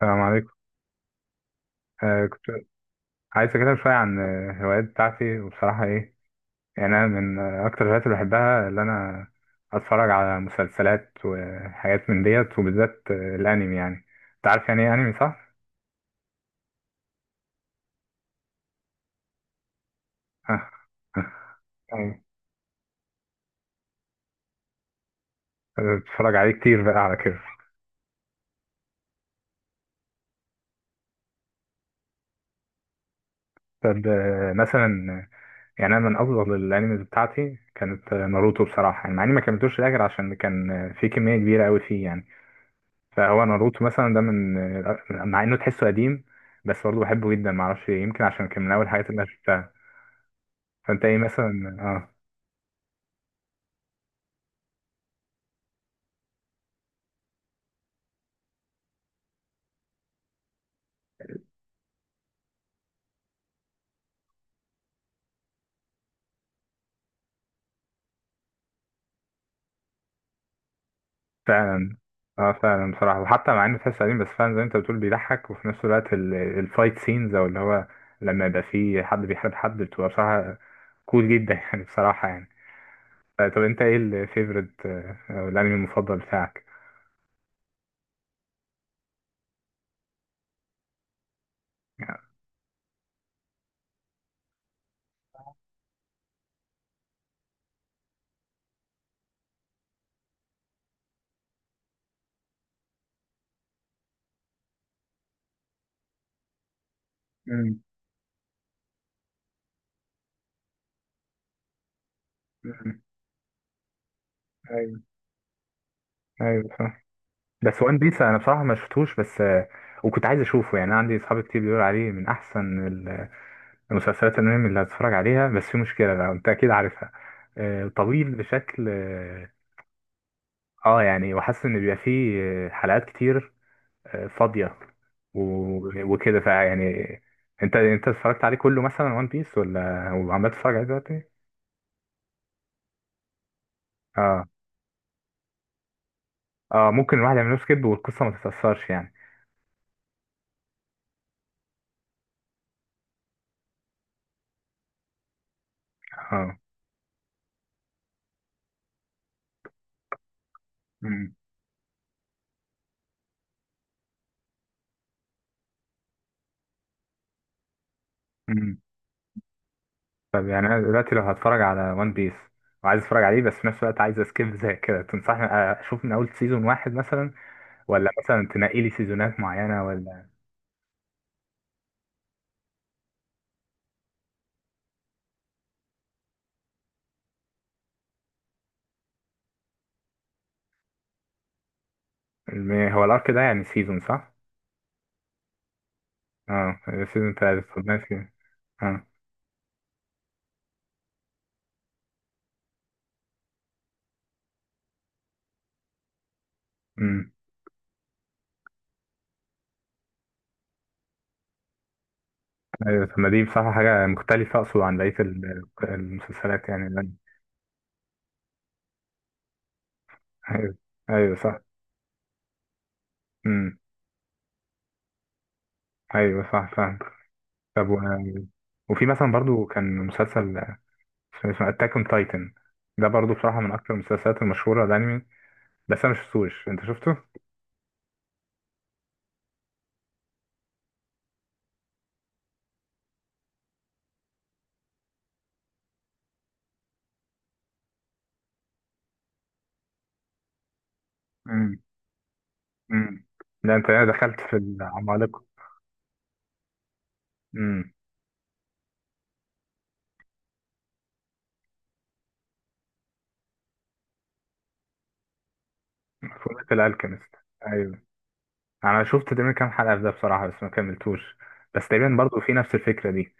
السلام عليكم. كنت عايز أكلمك شوية عن الهوايات بتاعتي، وبصراحة إيه يعني، أنا من أكتر الهوايات اللي بحبها اللي أنا أتفرج على مسلسلات وحاجات من ديت، وبالذات الأنمي. يعني أنت عارف يعني إيه أنمي صح؟ آه، آه، أيوه، بتفرج عليه كتير بقى على كده. طب مثلا يعني أنا من أفضل الأنميز بتاعتي كانت ناروتو بصراحة، يعني مع إني ما كملتوش للآخر عشان كان في كمية كبيرة أوي فيه يعني. فهو ناروتو مثلا ده من، مع انه تحسه قديم بس برضه بحبه جدا، معرفش ليه، يمكن عشان كان من اول الحاجات اللي انا شفتها. فانت ايه مثلا؟ اه فعلا اه فعلا بصراحة، وحتى مع انه تحسه قديم بس فعلا زي ما انت بتقول، بيضحك وفي نفس الوقت الفايت سينز او اللي هو لما يبقى فيه حد بيحارب حد، بتبقى بصراحة كول جدا. يعني بصراحة يعني. طب انت ايه الفيفورت او الانمي المفضل بتاعك؟ مم. مم. ايوه. ايوه. بس وان بيس انا بصراحه ما شفتوش، بس وكنت عايز اشوفه، يعني انا عندي اصحاب كتير بيقولوا عليه من احسن ال- المسلسلات الانمي اللي هتتفرج عليها، بس في مشكله بقى انت اكيد عارفها. طويل بشكل يعني، وحاسس ان بيبقى فيه حلقات كتير فاضيه وكده فيعني، انت اتفرجت عليه كله مثلا وان بيس، ولا وعمال تتفرج عليه دلوقتي؟ اه. اه. ممكن الواحد يعمل له سكيب والقصه ما تتاثرش يعني. اه. مم. طب يعني انا دلوقتي لو هتفرج على وان بيس وعايز اتفرج عليه، بس في نفس الوقت عايز اسكيب زي كده، تنصحني اشوف من اول سيزون واحد مثلا، ولا مثلا تنقي لي سيزونات معينه، ولا؟ هو الارك ده يعني سيزون صح؟ اه. سيزون تلاتة، طب ماشي. اه. امم. ايوه. طب ما دي بصراحه حاجه مختلفه، اقصد عن بقيه ال- المسلسلات يعني اللي أنا-. ايوه. ايوه صح. امم. ايوه صح فاهم. طب و... وفي مثلا برضو كان مسلسل، فيلم اسمه اتاك اون تايتن، ده برضو بصراحة من أكتر المسلسلات المشهورة الأنمي، بس أنا مشفتوش، أنت شفته؟ امم. امم. لا أنت، أنا دخلت في العمالقة. امم. فورة الألكيميست. أيوه. أنا شفت تقريبا كام حلقة في ده بصراحة، بس ما كملتوش، بس تقريبا برضو في نفس الفكرة دي.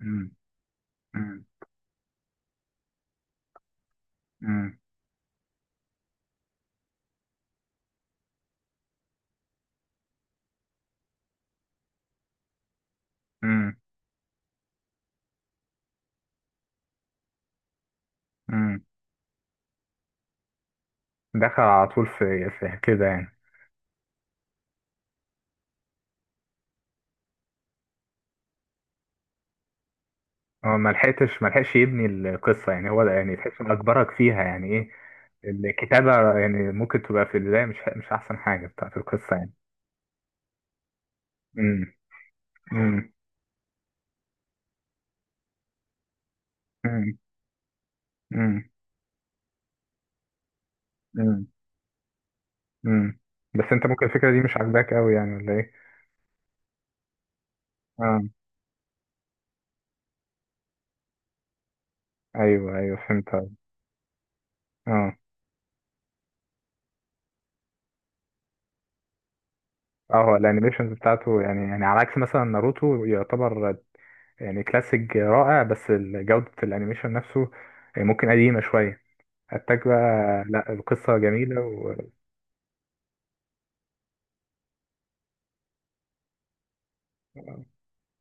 امم. امم. امم. امم. امم. دخل على طول في كده يعني. هو ما لحقش يبني القصة، يعني هو ده، يعني تحس إنه أجبرك فيها يعني إيه. الكتابة يعني ممكن تبقى في البداية مش أحسن حاجة بتاعت القصة يعني. امم. امم. امم. امم. امم. امم. بس أنت ممكن الفكرة دي مش عاجباك أوي يعني، ولا إيه؟ آه أيوه. أيوه فهمت. هو الأنيميشنز بتاعته يعني، يعني على عكس مثلا ناروتو، يعتبر يعني كلاسيك رائع، بس ال- جودة الأنيميشن نفسه ممكن قديمة شوية. أتاك بقى لا، القصة جميلة و...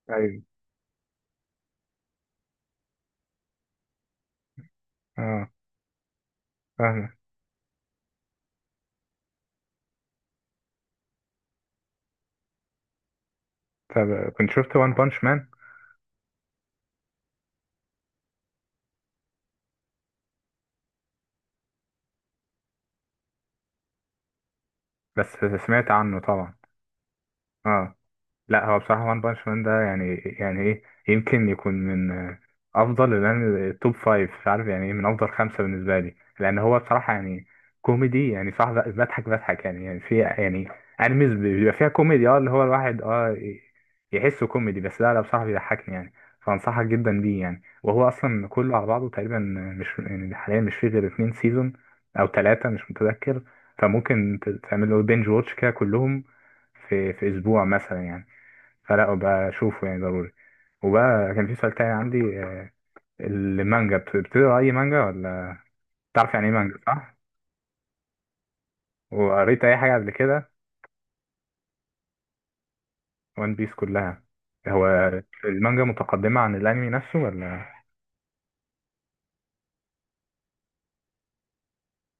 أيوه. آه فاهمة. طب كنت شفت وان بانش مان؟ بس سمعت عنه طبعا. اه. لا هو بصراحة وان بانش مان ده، يعني يعني ايه، يمكن يكون من افضل، لان التوب فايف مش عارف يعني ايه، من افضل خمسة بالنسبة لي، لان هو بصراحة يعني كوميدي، يعني صح، بضحك بضحك يعني في يعني انميز بيبقى فيها كوميدي، اللي هو الواحد يحسه كوميدي بس، لا لا بصراحة بيضحكني يعني. فانصحك جدا بيه يعني، وهو اصلا كله على بعضه تقريبا مش يعني، حاليا مش فيه غير اتنين سيزون او تلاتة مش متذكر، فممكن تعمل له بينج واتش كده كلهم في اسبوع مثلا يعني. فلا بقى اشوفه يعني ضروري. وبقى كان في سؤال تاني عندي، آه، المانجا بتقرا اي مانجا، ولا؟ تعرف يعني ايه مانجا صح؟ وقريت اي حاجه قبل كده؟ وان بيس كلها. هو المانجا متقدمه عن الانمي نفسه، ولا؟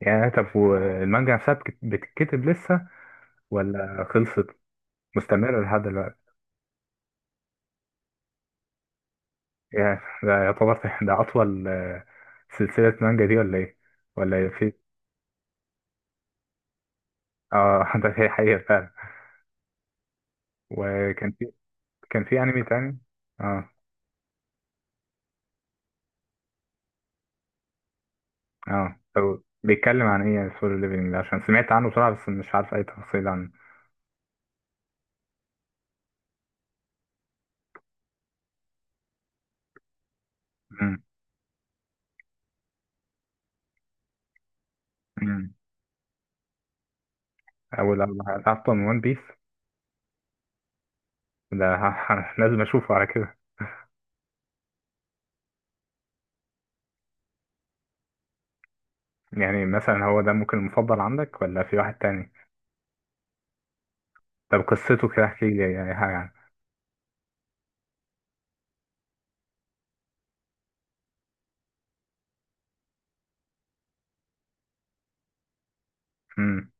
يعني طب والمانجا نفسها بتتكتب لسه ولا خلصت؟ مستمره لحد دلوقتي. يعني ده يعتبر، ده اطول سلسله مانجا، دي ولا ايه؟ ولا في؟ اه ده هي حقيقه فعلا. وكان في كان في انمي تاني. اه. اه طب بيتكلم عن ايه سولو ليفلنج ده؟ عشان سمعت عنه بصراحة بس مش عارف اي تفاصيل عنه. امم. امم. اول اربع حلقات أصلاً من ون بيس ده! لازم اشوفه على كده. يعني مثلا هو ده ممكن المفضل عندك، ولا في واحد تاني؟ طب قصته كده احكي لي اي حاجة عنه. امم.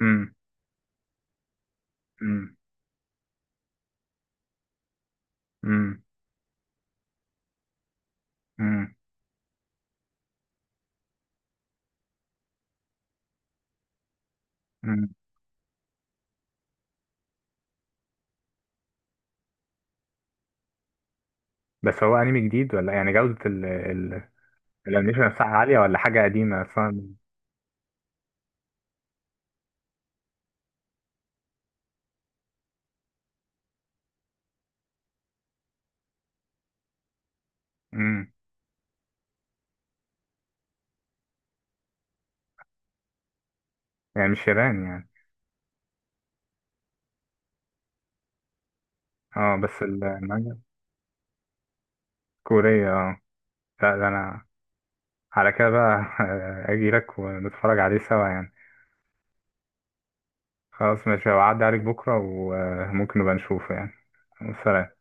امم. امم. امم. امم. أمم. بس هو انمي جديد ولا يعني جودة ال ال الانيميشن نفسها عالية، ولا حاجة قديمة اصلا؟ امم. يعني مش ياباني يعني؟ اه بس ال- المانجا كورية. اه لا ده انا على كده بقى، اجي لك ونتفرج عليه سوا يعني. خلاص ماشي، هعدي عليك بكرة وممكن نبقى نشوفه يعني. سلام.